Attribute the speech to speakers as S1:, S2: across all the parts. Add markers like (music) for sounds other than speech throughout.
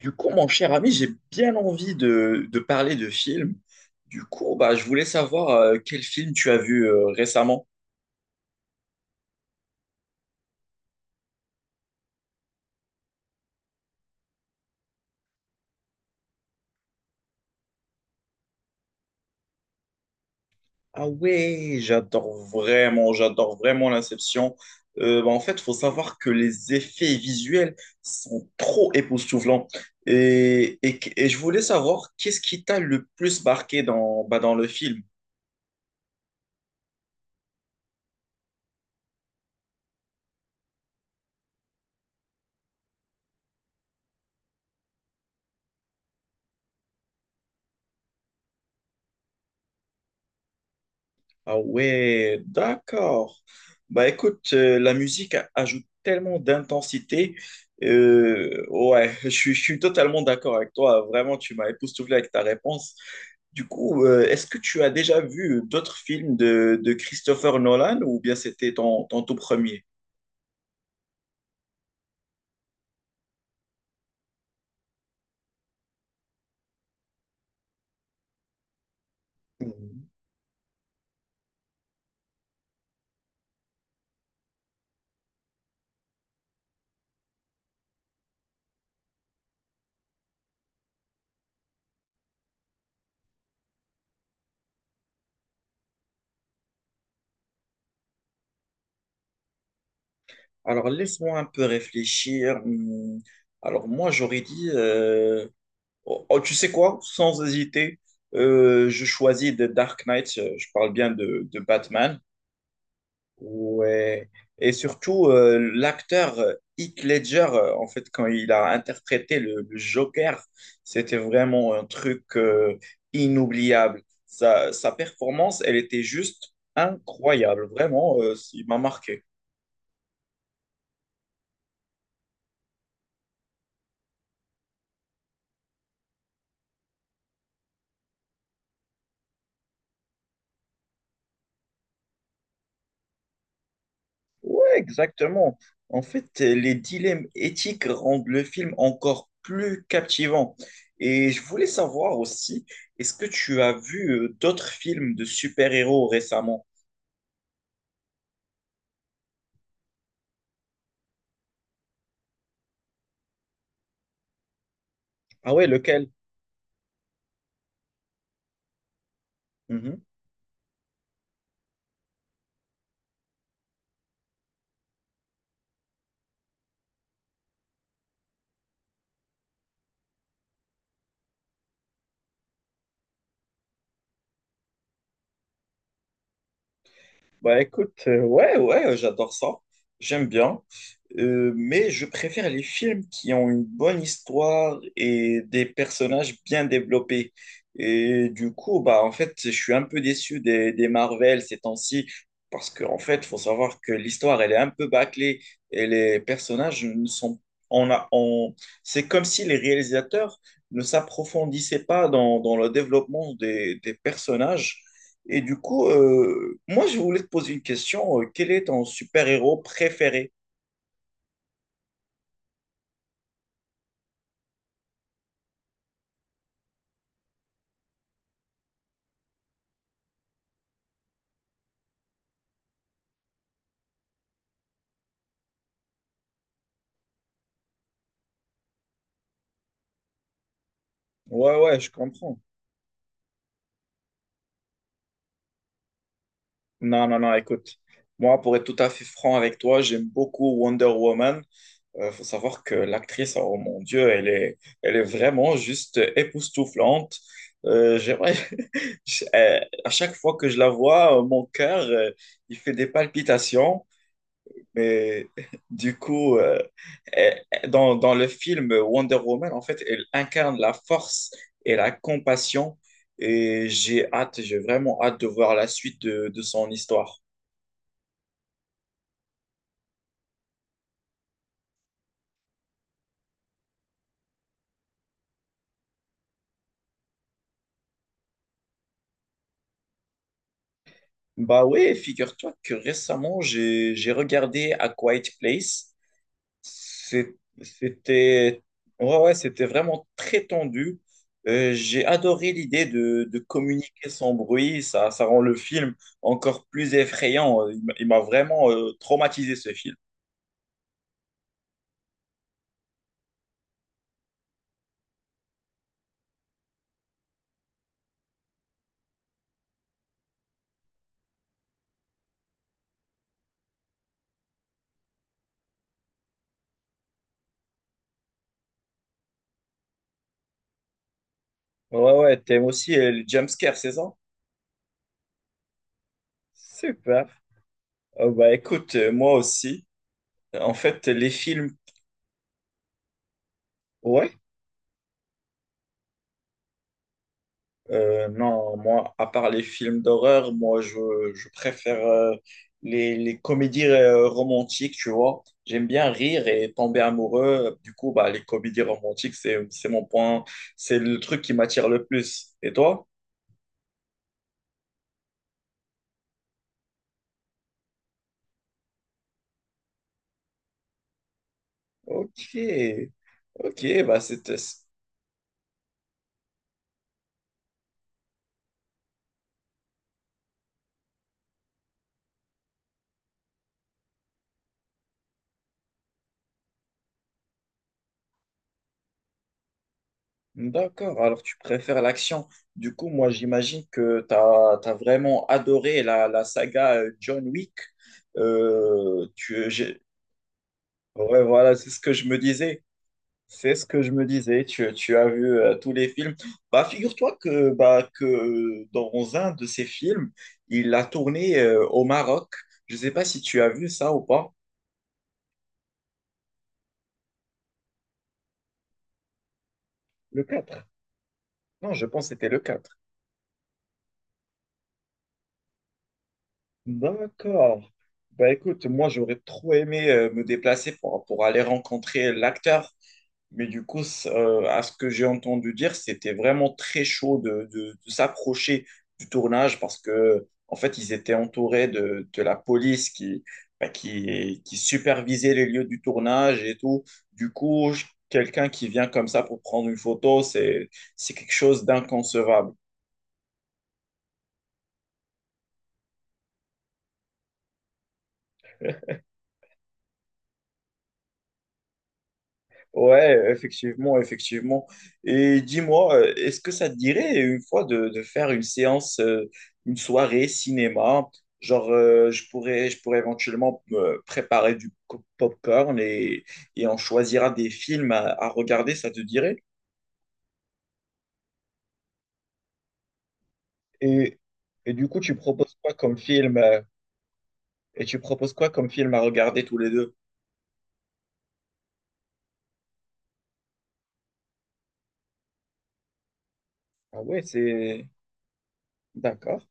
S1: Du coup, mon cher ami, j'ai bien envie de parler de films. Du coup, je voulais savoir quel film tu as vu récemment. Ah ouais, j'adore vraiment l'Inception. Il faut savoir que les effets visuels sont trop époustouflants. Et je voulais savoir qu'est-ce qui t'a le plus marqué dans le film. Ah ouais, d'accord. Bah écoute, la musique ajoute tellement d'intensité. Ouais, (laughs) je suis totalement d'accord avec toi. Vraiment, tu m'as époustouflé avec ta réponse. Du coup, est-ce que tu as déjà vu d'autres films de Christopher Nolan ou bien c'était ton tout premier? Hmm. Alors laisse-moi un peu réfléchir. Hmm. Alors moi, j'aurais dit oh, tu sais quoi? Sans hésiter, je choisis The Dark Knight. Je parle bien de Batman. Ouais. Et surtout, l'acteur Heath Ledger, quand il a interprété le Joker, c'était vraiment un truc inoubliable. Sa performance, elle était juste incroyable. Vraiment, il m'a marqué. Exactement. En fait, les dilemmes éthiques rendent le film encore plus captivant. Et je voulais savoir aussi, est-ce que tu as vu d'autres films de super-héros récemment? Ah ouais, lequel? Bah écoute, ouais, j'adore ça. J'aime bien. Mais je préfère les films qui ont une bonne histoire et des personnages bien développés. Et du coup, en fait, je suis un peu déçu des Marvel ces temps-ci. Parce qu'en en fait, faut savoir que l'histoire, elle est un peu bâclée. Et les personnages ne sont. On a, on... C'est comme si les réalisateurs ne s'approfondissaient pas dans le développement des personnages. Et du coup, moi, je voulais te poser une question. Quel est ton super-héros préféré? Ouais, ouais, je comprends. Non, non, non, écoute. Moi, pour être tout à fait franc avec toi, j'aime beaucoup Wonder Woman. Il faut savoir que l'actrice, oh mon Dieu, elle est vraiment juste époustouflante. Euh, j'aimerais- (laughs) à chaque fois que je la vois, mon cœur, il fait des palpitations. Mais (laughs) du coup, euh, dans, dans le film Wonder Woman, en fait, elle incarne la force et la compassion. Et j'ai vraiment hâte de voir la suite de son histoire. Bah ouais, figure-toi que récemment, j'ai regardé A Quiet Place. C'est- C'était ouais, ouais, c'était vraiment très tendu. J'ai adoré l'idée de communiquer sans bruit. Ça rend le film encore plus effrayant. Il m'a vraiment traumatisé ce film. Ouais, ouais, t'aimes aussi le jumpscare, c'est ça? Super. Oh, bah écoute, moi aussi. En fait, les films, ouais. Non, moi, à part les films d'horreur, moi, je préfère les comédies romantiques, tu vois. J'aime bien rire et tomber amoureux. Du coup, bah, les comédies romantiques, c'est mon point, c'est le truc qui m'attire le plus. Et toi? Ok, ok, bah c'était... D'accord, alors tu préfères l'action. Du coup, moi, j'imagine que tu as, vraiment adoré la saga John Wick. Euh, tu, j'ai- Ouais, voilà, c'est ce que je me disais. C'est ce que je me disais, tu as vu tous les films. Bah, figure-toi que, bah, que dans un de ces films, il a tourné au Maroc. Je ne sais pas si tu as vu ça ou pas. Le quatre. Non, je pense que c'était le 4. D'accord. Bah écoute, moi j'aurais trop aimé me déplacer pour aller rencontrer l'acteur. Mais du coup, à ce que j'ai entendu dire, c'était vraiment très chaud de s'approcher du tournage parce que, en fait, ils étaient entourés de la police qui, bah, qui supervisait les lieux du tournage et tout. Du coup, je- quelqu'un qui vient comme ça pour prendre une photo, c'est quelque chose d'inconcevable. Ouais, effectivement, effectivement. Et dis-moi, est-ce que ça te dirait une fois de faire une séance, une soirée cinéma? Genre, je pourrais éventuellement me préparer popcorn et on choisira des films à regarder, ça te dirait? Et, et du coup, tu proposes quoi comme film, et tu proposes quoi comme film à regarder tous les deux? Ah ouais, c'est... D'accord.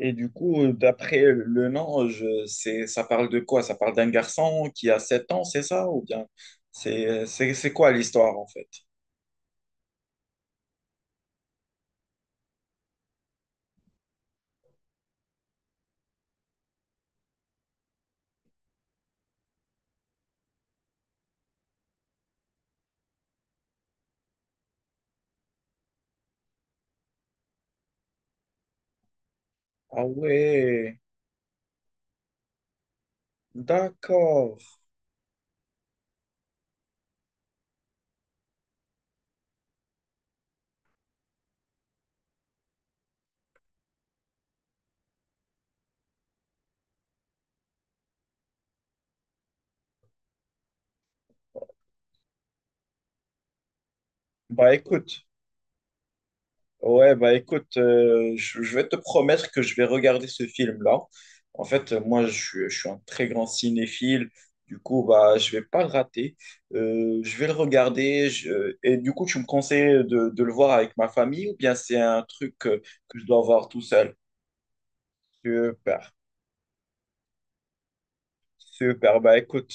S1: Et du coup, d'après le nom, ça parle de quoi? Ça parle d'un garçon qui a sept ans, c'est ça? Ou bien c'est quoi l'histoire en fait? Ah ouais, d'accord. Bah écoute, ouais, bah écoute, je vais te promettre que je vais regarder ce film-là. En fait, moi, je suis un très grand cinéphile. Du coup, bah, je vais pas le rater. Je vais le regarder. Et du coup, tu me conseilles de le voir avec ma famille ou bien c'est un truc que je dois voir tout seul? Super, Super. Bah écoute,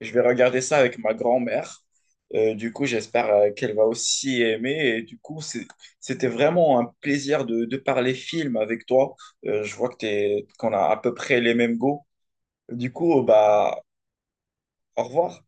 S1: je vais regarder ça avec ma grand-mère. Du coup, j'espère qu'elle va aussi aimer. Et du coup, c'était vraiment un plaisir de parler film avec toi. Je vois que qu'on a à peu près les mêmes goûts. Du coup, bah, au revoir.